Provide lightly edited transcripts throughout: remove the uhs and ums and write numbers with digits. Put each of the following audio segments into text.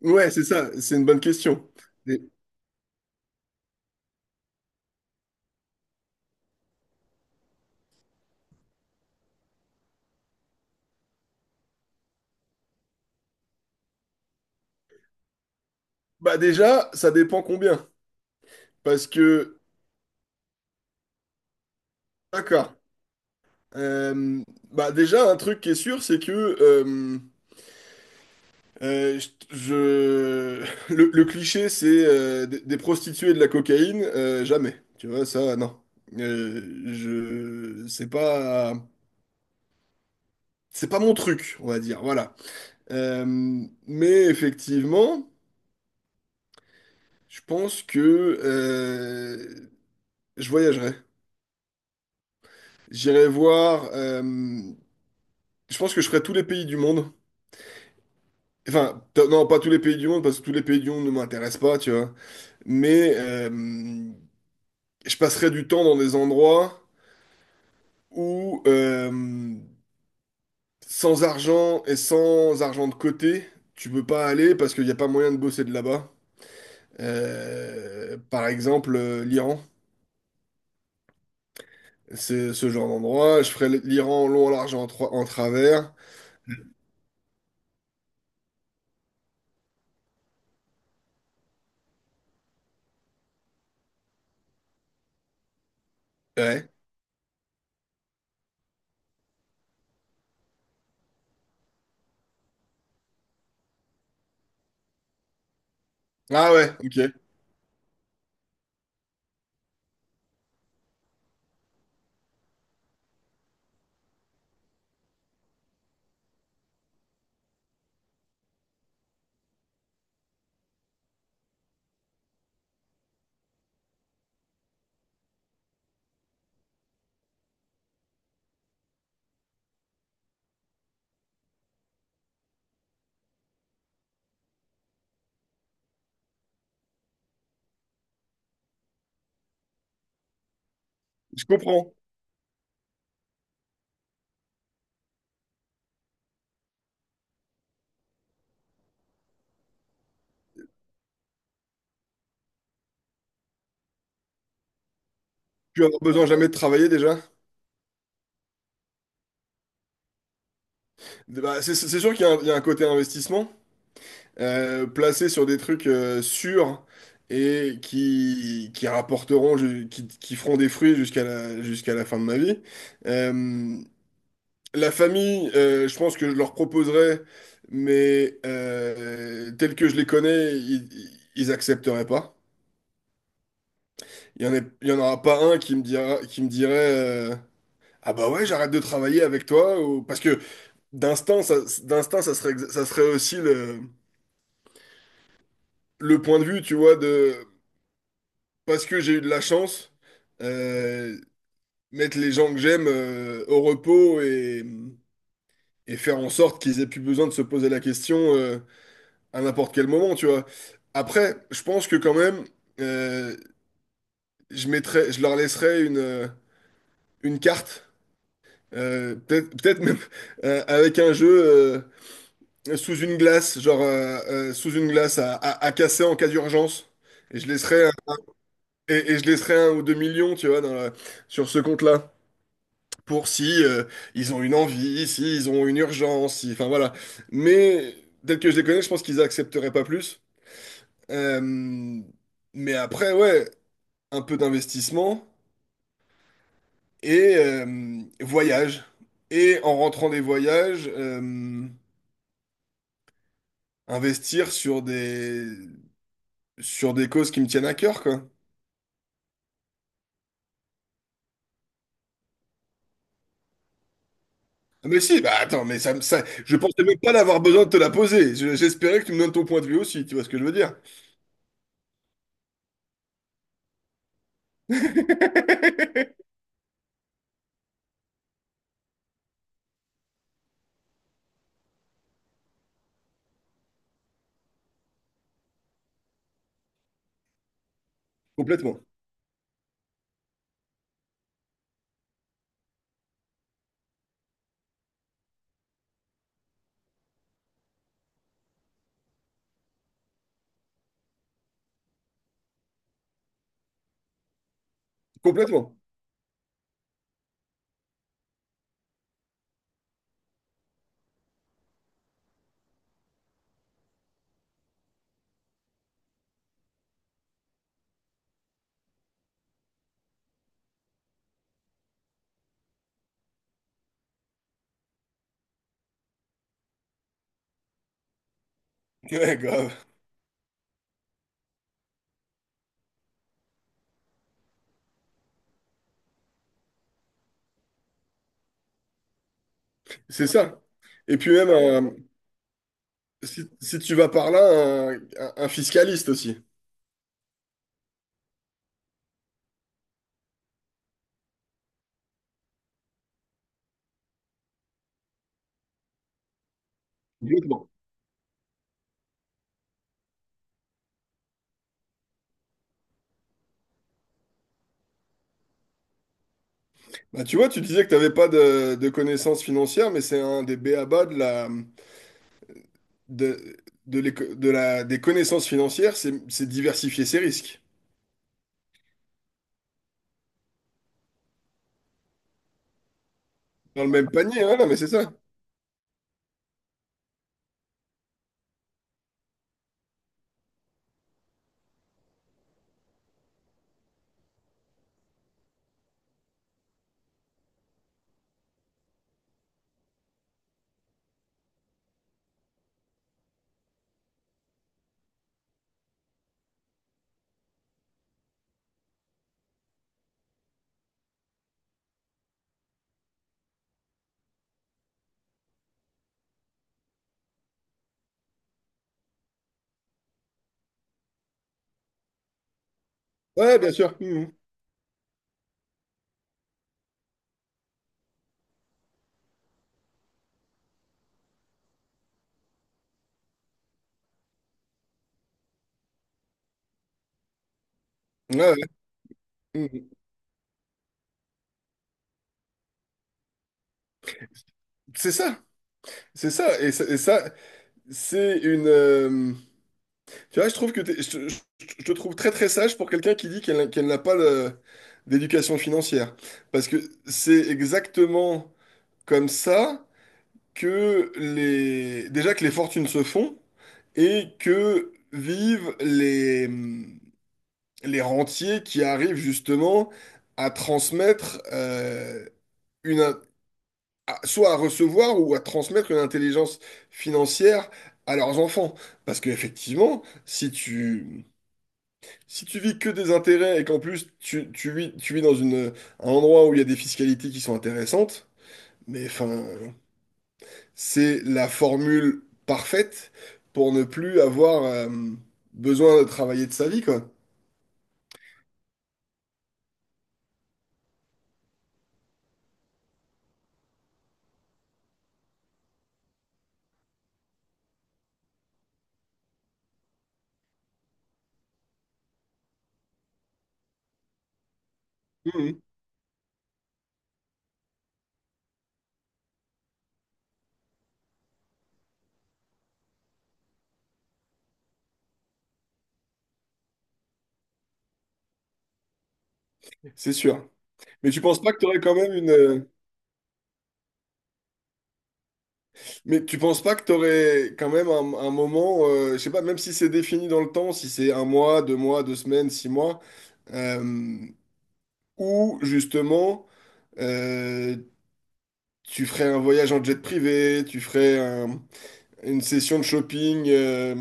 Ouais, c'est ça, c'est une bonne question. Et- Déjà, ça dépend combien. Parce que, d'accord. Euh, Bah déjà, un truc qui est sûr, c'est que euh, euh, je, le cliché, c'est des prostituées et de la cocaïne, jamais. Tu vois, ça, non. Euh, je, c'est pas, c'est pas mon truc, on va dire. Voilà. Euh, mais effectivement, je pense que euh, je voyagerai. J'irai voir. Je pense que je ferai tous les pays du monde. Enfin, non, pas tous les pays du monde, parce que tous les pays du monde ne m'intéressent pas, tu vois. Mais je passerai du temps dans des endroits où sans argent et sans argent de côté, tu peux pas aller parce qu'il n'y a pas moyen de bosser de là-bas. Par exemple, l'Iran. C'est ce genre d'endroit. Je ferai l'Iran en long, en large, en travers. Ouais. Ah ouais, ok. Je comprends. Tu vas avoir besoin jamais de travailler déjà. Bah, c'est sûr qu'il y a un côté investissement placé sur des trucs sûrs et qui rapporteront, qui feront des fruits jusqu'à la fin de ma vie. Euh, la famille, je pense que je leur proposerais, mais tels que je les connais, ils accepteraient pas. Il y en aura pas un qui me dira, qui me dirait euh, ah bah ouais, j'arrête de travailler avec toi. Ou... Parce que d'instinct, ça, d'instinct, ça serait, ça serait aussi le. Le point de vue, tu vois, de parce que j'ai eu de la chance, euh, mettre les gens que j'aime au repos et faire en sorte qu'ils aient plus besoin de se poser la question à n'importe quel moment, tu vois. Après, je pense que quand même, euh, je mettrais, je leur laisserais une carte, peut-être même avec un jeu sous une glace, genre sous une glace à casser en cas d'urgence. Et je laisserais. Et je laisserai un ou deux millions, tu vois, sur ce compte-là, pour si ils ont une envie, si ils ont une urgence, si, enfin voilà. Mais tel que je les connais, je pense qu'ils accepteraient pas plus. Euh, mais après, ouais, un peu d'investissement et voyage. Et en rentrant des voyages, investir sur des causes qui me tiennent à cœur, quoi. Ah, mais si, bah attends, mais ça, ça, je pensais même pas d'avoir besoin de te la poser. J'espérais que tu me donnes ton point de vue aussi, tu vois ce que je veux dire? Complètement. Complètement. Ouais, grave. C'est ça. Et puis même, si, si tu vas par là, un fiscaliste aussi. Complètement. Bah, tu vois, tu disais que tu n'avais pas de connaissances financières, mais c'est un des b.a.-ba de la, de, de la, des connaissances financières, c'est diversifier ses risques. Dans le même panier, hein, non, mais c'est ça. Ouais, bien sûr. Mhm. Ouais, ouais. Mhm. C'est ça. C'est ça, et ça, et ça, c'est une. Tu vois, je trouve que je te trouve très très sage pour quelqu'un qui dit qu'elle n'a pas d'éducation financière. Parce que c'est exactement comme ça que les. Déjà que les fortunes se font et que vivent les rentiers qui arrivent justement à transmettre une, soit à recevoir ou à transmettre une intelligence financière à leurs enfants. Parce qu'effectivement, si tu, si tu vis que des intérêts et qu'en plus tu, tu vis dans une, un endroit où il y a des fiscalités qui sont intéressantes, mais enfin, c'est la formule parfaite pour ne plus avoir besoin de travailler de sa vie, quoi. Mhm. C'est sûr. Mais tu penses pas que tu aurais quand même mais tu penses pas que t'aurais quand même un moment, je sais pas, même si c'est défini dans le temps, si c'est un mois, deux semaines, six mois, euh, où justement euh, tu ferais un voyage en jet privé, une session de shopping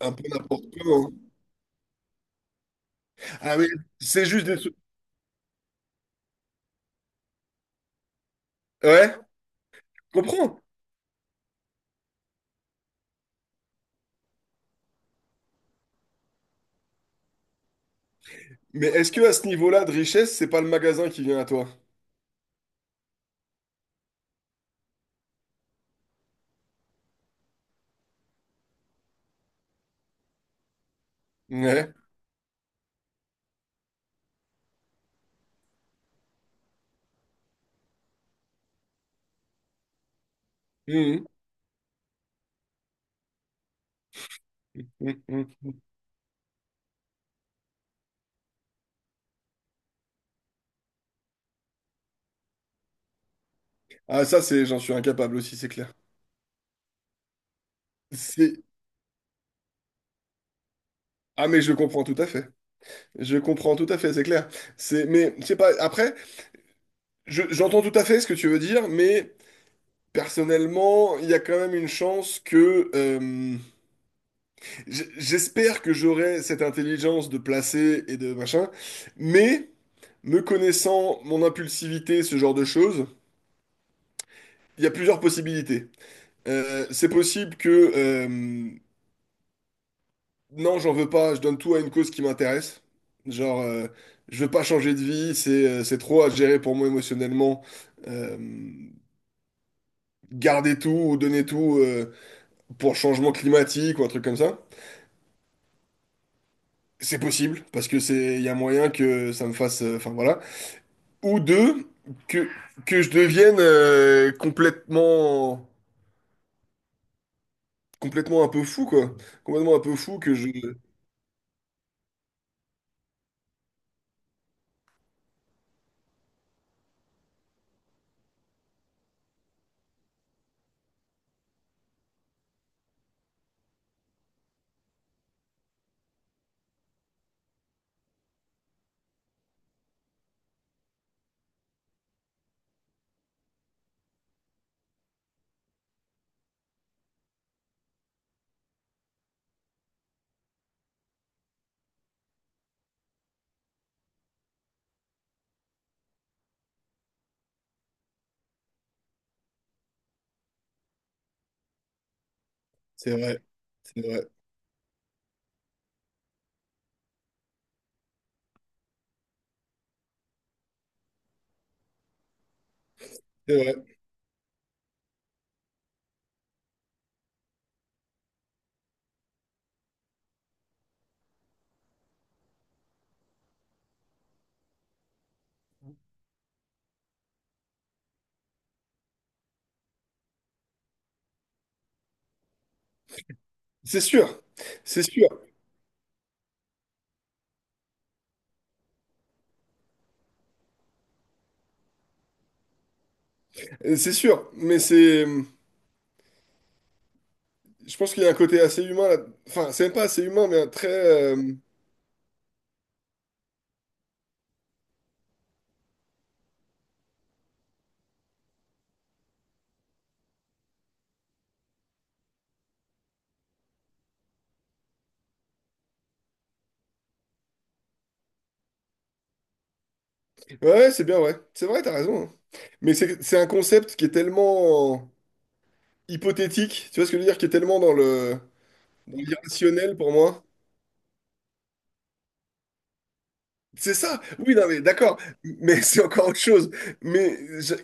un peu n'importe comment. Ah oui, c'est juste des... sou- ouais, je comprends. Mais est-ce que à ce niveau-là de richesse, c'est pas le magasin qui vient à toi? Ouais. Mhm. Mhm. Ah ça, c'est, j'en suis incapable aussi, c'est clair. C'est- Ah mais je comprends tout à fait. Je comprends tout à fait, c'est clair. C'est mais je sais pas après j'entends tout à fait ce que tu veux dire mais personnellement, il y a quand même une chance que j'espère que j'aurai cette intelligence de placer et de machin mais me connaissant mon impulsivité, ce genre de choses, il y a plusieurs possibilités. C'est possible que non, j'en veux pas. Je donne tout à une cause qui m'intéresse. Genre, je veux pas changer de vie. C'est trop à gérer pour moi émotionnellement. Euh, Garder tout ou donner tout pour changement climatique ou un truc comme ça. C'est possible parce que c'est il y a moyen que ça me fasse. Enfin voilà. Ou deux, que que je devienne complètement un peu fou quoi. Complètement un peu fou que je. C'est vrai. C'est vrai. C'est vrai. C'est sûr. C'est sûr. C'est sûr. Mais c'est je pense qu'il y a un côté assez humain là. Enfin, c'est même pas assez humain, mais un très. Ouais, ouais, c'est bien, ouais. C'est vrai, t'as raison, hein. Mais c'est un concept qui est tellement hypothétique, tu vois ce que je veux dire, qui est tellement dans le dans l'irrationnel pour moi. C'est ça. Oui, non, mais d'accord. Mais c'est encore autre chose. Mais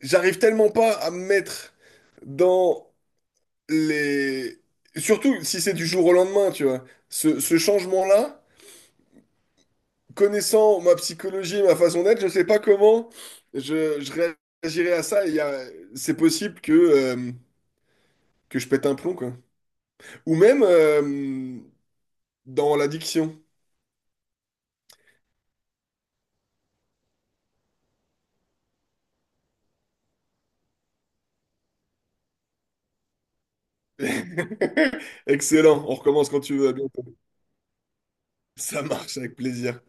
j'arrive tellement pas à me mettre dans les. Surtout si c'est du jour au lendemain, tu vois. Ce changement-là. Connaissant ma psychologie et ma façon d'être, je sais pas comment je réagirais à ça. C'est possible que je pète un plomb, quoi. Ou même dans l'addiction. Excellent, on recommence quand tu veux, à bientôt. Ça marche avec plaisir.